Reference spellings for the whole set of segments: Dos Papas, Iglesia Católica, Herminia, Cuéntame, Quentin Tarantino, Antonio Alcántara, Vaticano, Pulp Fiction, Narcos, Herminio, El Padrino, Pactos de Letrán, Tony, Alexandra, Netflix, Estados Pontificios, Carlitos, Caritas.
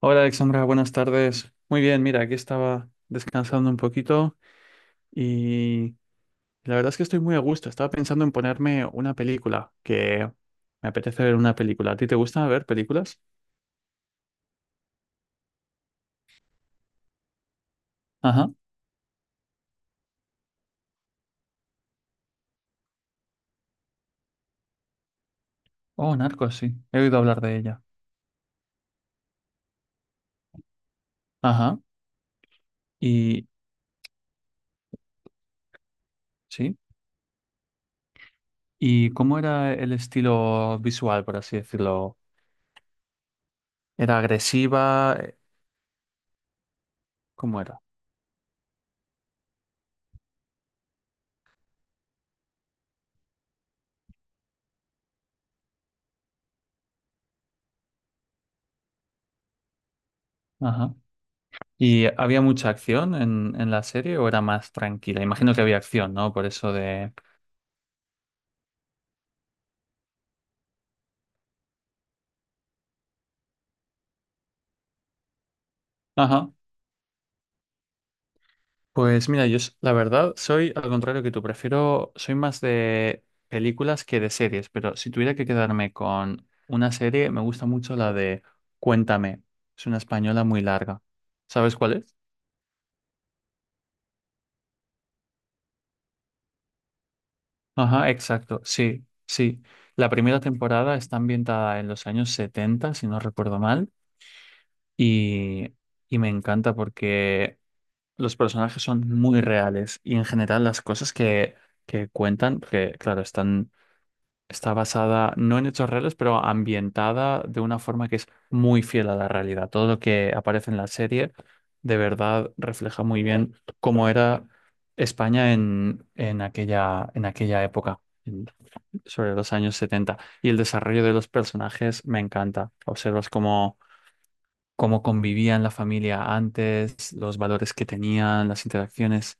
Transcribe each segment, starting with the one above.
Hola Alexandra, buenas tardes. Muy bien, mira, aquí estaba descansando un poquito y la verdad es que estoy muy a gusto. Estaba pensando en ponerme una película, que me apetece ver una película. ¿A ti te gusta ver películas? Ajá. Oh, Narcos, sí. He oído hablar de ella. Ajá. Y sí. ¿Y cómo era el estilo visual, por así decirlo? ¿Era agresiva? ¿Cómo era? Ajá. ¿Y había mucha acción en la serie o era más tranquila? Imagino que había acción, ¿no? Por eso de... Ajá. Pues mira, la verdad soy al contrario que tú, prefiero, soy más de películas que de series, pero si tuviera que quedarme con una serie, me gusta mucho la de Cuéntame, es una española muy larga. ¿Sabes cuál es? Ajá, exacto, sí, sí. La primera temporada está ambientada en los años 70, si no recuerdo mal, y, y me encanta porque los personajes son muy reales y en general las cosas que cuentan, que claro, está basada no en hechos reales, pero ambientada de una forma que es muy fiel a la realidad. Todo lo que aparece en la serie de verdad refleja muy bien cómo era España en aquella época. Sobre los años 70. Y el desarrollo de los personajes me encanta. Observas cómo convivían la familia antes, los valores que tenían, las interacciones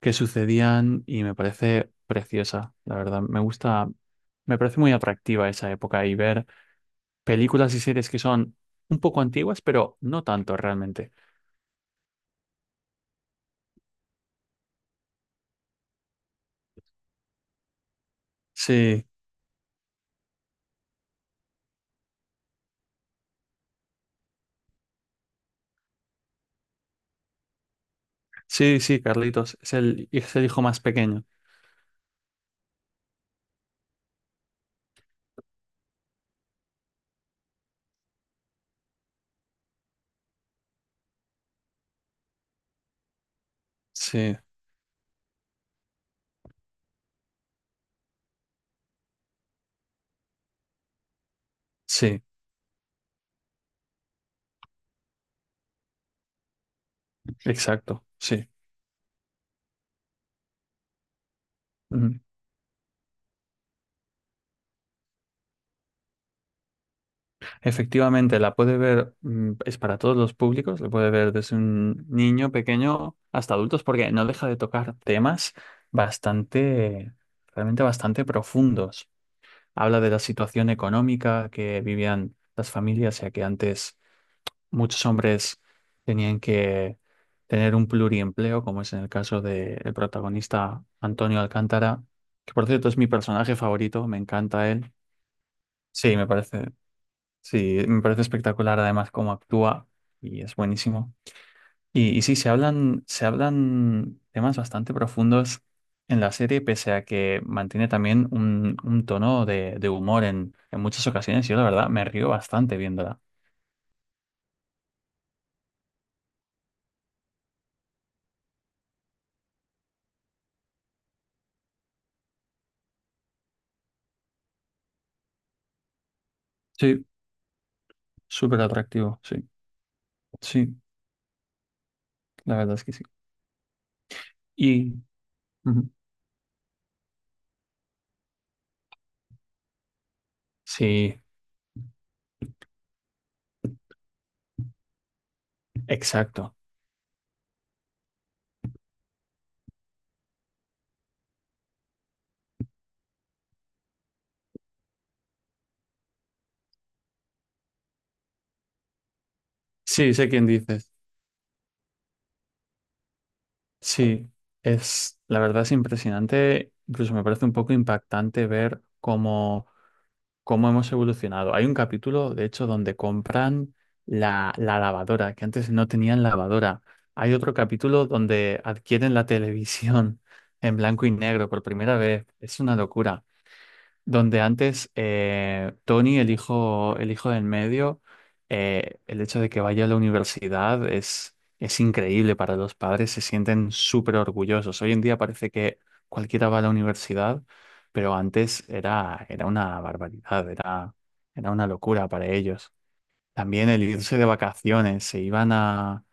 que sucedían y me parece preciosa, la verdad. Me gusta, me parece muy atractiva esa época y ver películas y series que son un poco antiguas, pero no tanto realmente. Sí, sí, sí, Carlitos, es el, hijo más pequeño. Sí, sí, exacto, sí. Ujú. Efectivamente, la puede ver, es para todos los públicos, la puede ver desde un niño pequeño hasta adultos, porque no deja de tocar temas bastante, realmente bastante profundos. Habla de la situación económica que vivían las familias, ya que antes muchos hombres tenían que tener un pluriempleo, como es en el caso del protagonista Antonio Alcántara, que por cierto es mi personaje favorito, me encanta él. Sí, me parece, sí, me parece espectacular además cómo actúa y es buenísimo. Y sí, se hablan temas bastante profundos en la serie, pese a que mantiene también un tono de humor en muchas ocasiones. Yo, la verdad, me río bastante viéndola. Sí, súper atractivo, sí. Sí, la verdad es que sí. Y ujú, sí, exacto. Sí, sé quién dices. Sí, la verdad es impresionante. Incluso me parece un poco impactante ver cómo hemos evolucionado. Hay un capítulo, de hecho, donde compran la lavadora, que antes no tenían lavadora. Hay otro capítulo donde adquieren la televisión en blanco y negro por primera vez. Es una locura donde antes Tony, el hijo, del medio, el hecho de que vaya a la universidad es increíble para los padres, se sienten súper orgullosos. Hoy en día parece que cualquiera va a la universidad, pero antes era una barbaridad, era una locura para ellos. También el irse de vacaciones, se iban a...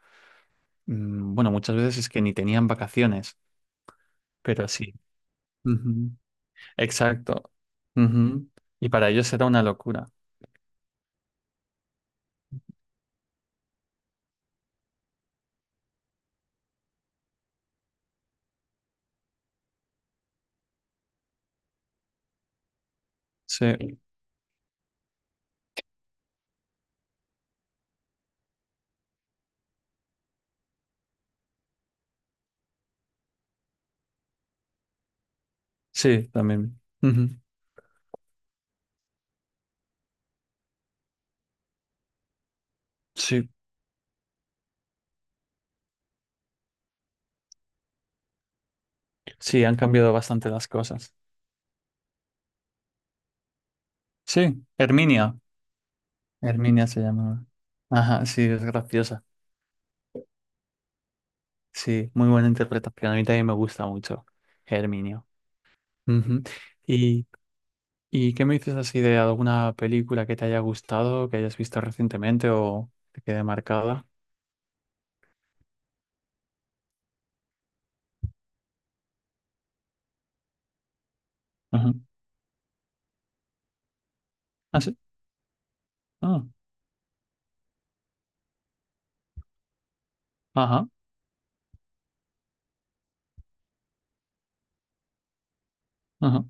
Bueno, muchas veces es que ni tenían vacaciones, pero sí. Ujú. Exacto. Ujú. Y para ellos era una locura. Sí, sí, también. Ujú, sí, sí, han cambiado bastante las cosas. Sí, Herminia. Herminia se llamaba. Ajá, sí, es graciosa. Sí, muy buena interpretación. A mí también me gusta mucho Herminio. Ujú. ¿Y, y qué me dices así de alguna película que te haya gustado, que hayas visto recientemente o que quede marcada? Ajá. Ah, sí. Ah, ajá, ajá,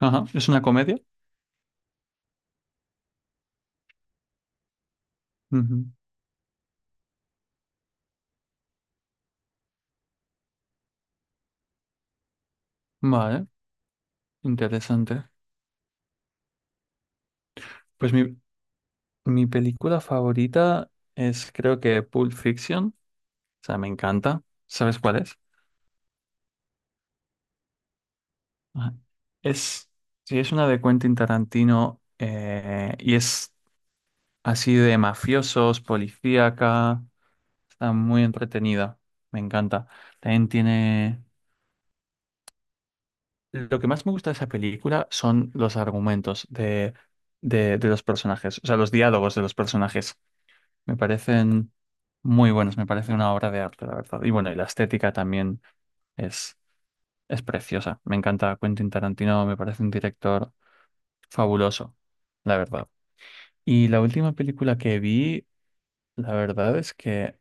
ajá. ¿Es una comedia? Ujú. Vale, interesante. Pues mi película favorita es creo que Pulp Fiction. O sea, me encanta. ¿Sabes cuál es? Ajá. Es, sí, es una de Quentin Tarantino, y es así de mafiosos, policíaca. Está muy entretenida. Me encanta. También tiene... Lo que más me gusta de esa película son los argumentos de los personajes, o sea, los diálogos de los personajes. Me parecen muy buenos, me parece una obra de arte, la verdad. Y bueno, y la estética también es, es preciosa. Me encanta Quentin Tarantino, me parece un director fabuloso, la verdad. Y la última película que vi, la verdad es que,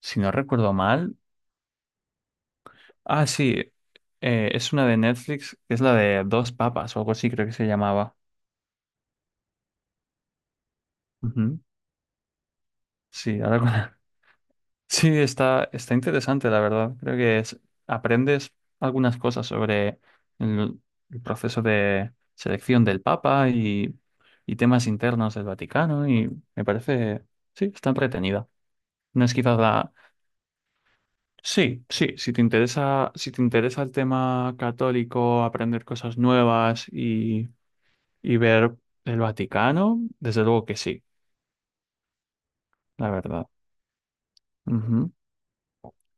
si no recuerdo mal, ah, sí, es una de Netflix, que es la de Dos Papas o algo así, creo que se llamaba. Ujú. Sí, ahora sí, está interesante, la verdad. Creo que aprendes algunas cosas sobre el, el proceso de selección del Papa y temas internos del Vaticano y me parece, sí, está entretenida. No es quizás la... Sí, sí, si te interesa el tema católico, aprender cosas nuevas y ver el Vaticano, desde luego que sí, la verdad. Ujú.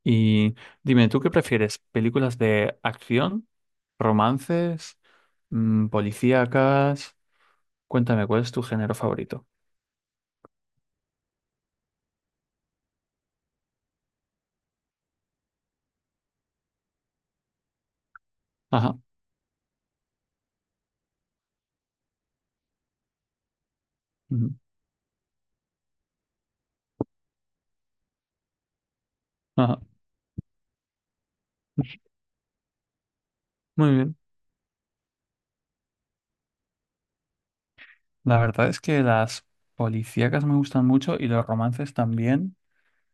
Y dime, ¿tú qué prefieres? ¿Películas de acción, romances, policíacas? Cuéntame, ¿cuál es tu género favorito? Ajá. Ujú, ajá. Muy bien. La verdad es que las policíacas me gustan mucho y los romances también.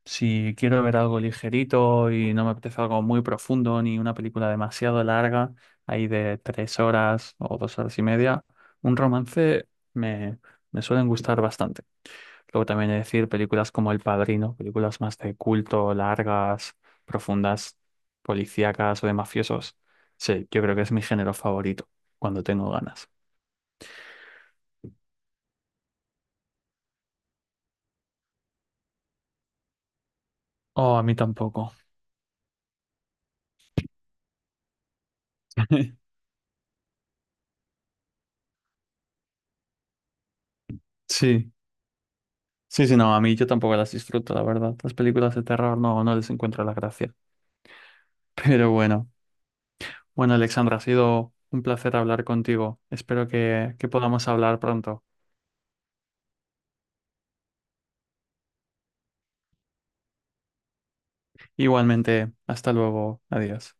Si quiero ver algo ligerito y no me apetece algo muy profundo ni una película demasiado larga, ahí de 3 horas o 2 horas y media, un romance me suelen gustar bastante. Luego también es decir, películas como El Padrino, películas más de culto, largas, profundas, policíacas o de mafiosos. Sí, yo creo que es mi género favorito, cuando tengo ganas. Oh, a mí tampoco. Sí, sí, sí, no, a mí yo tampoco las disfruto, la verdad. Las películas de terror no, no les encuentro la gracia. Pero bueno, bueno, Alexandra, ha sido un placer hablar contigo. Espero que podamos hablar pronto. Igualmente, hasta luego. Adiós.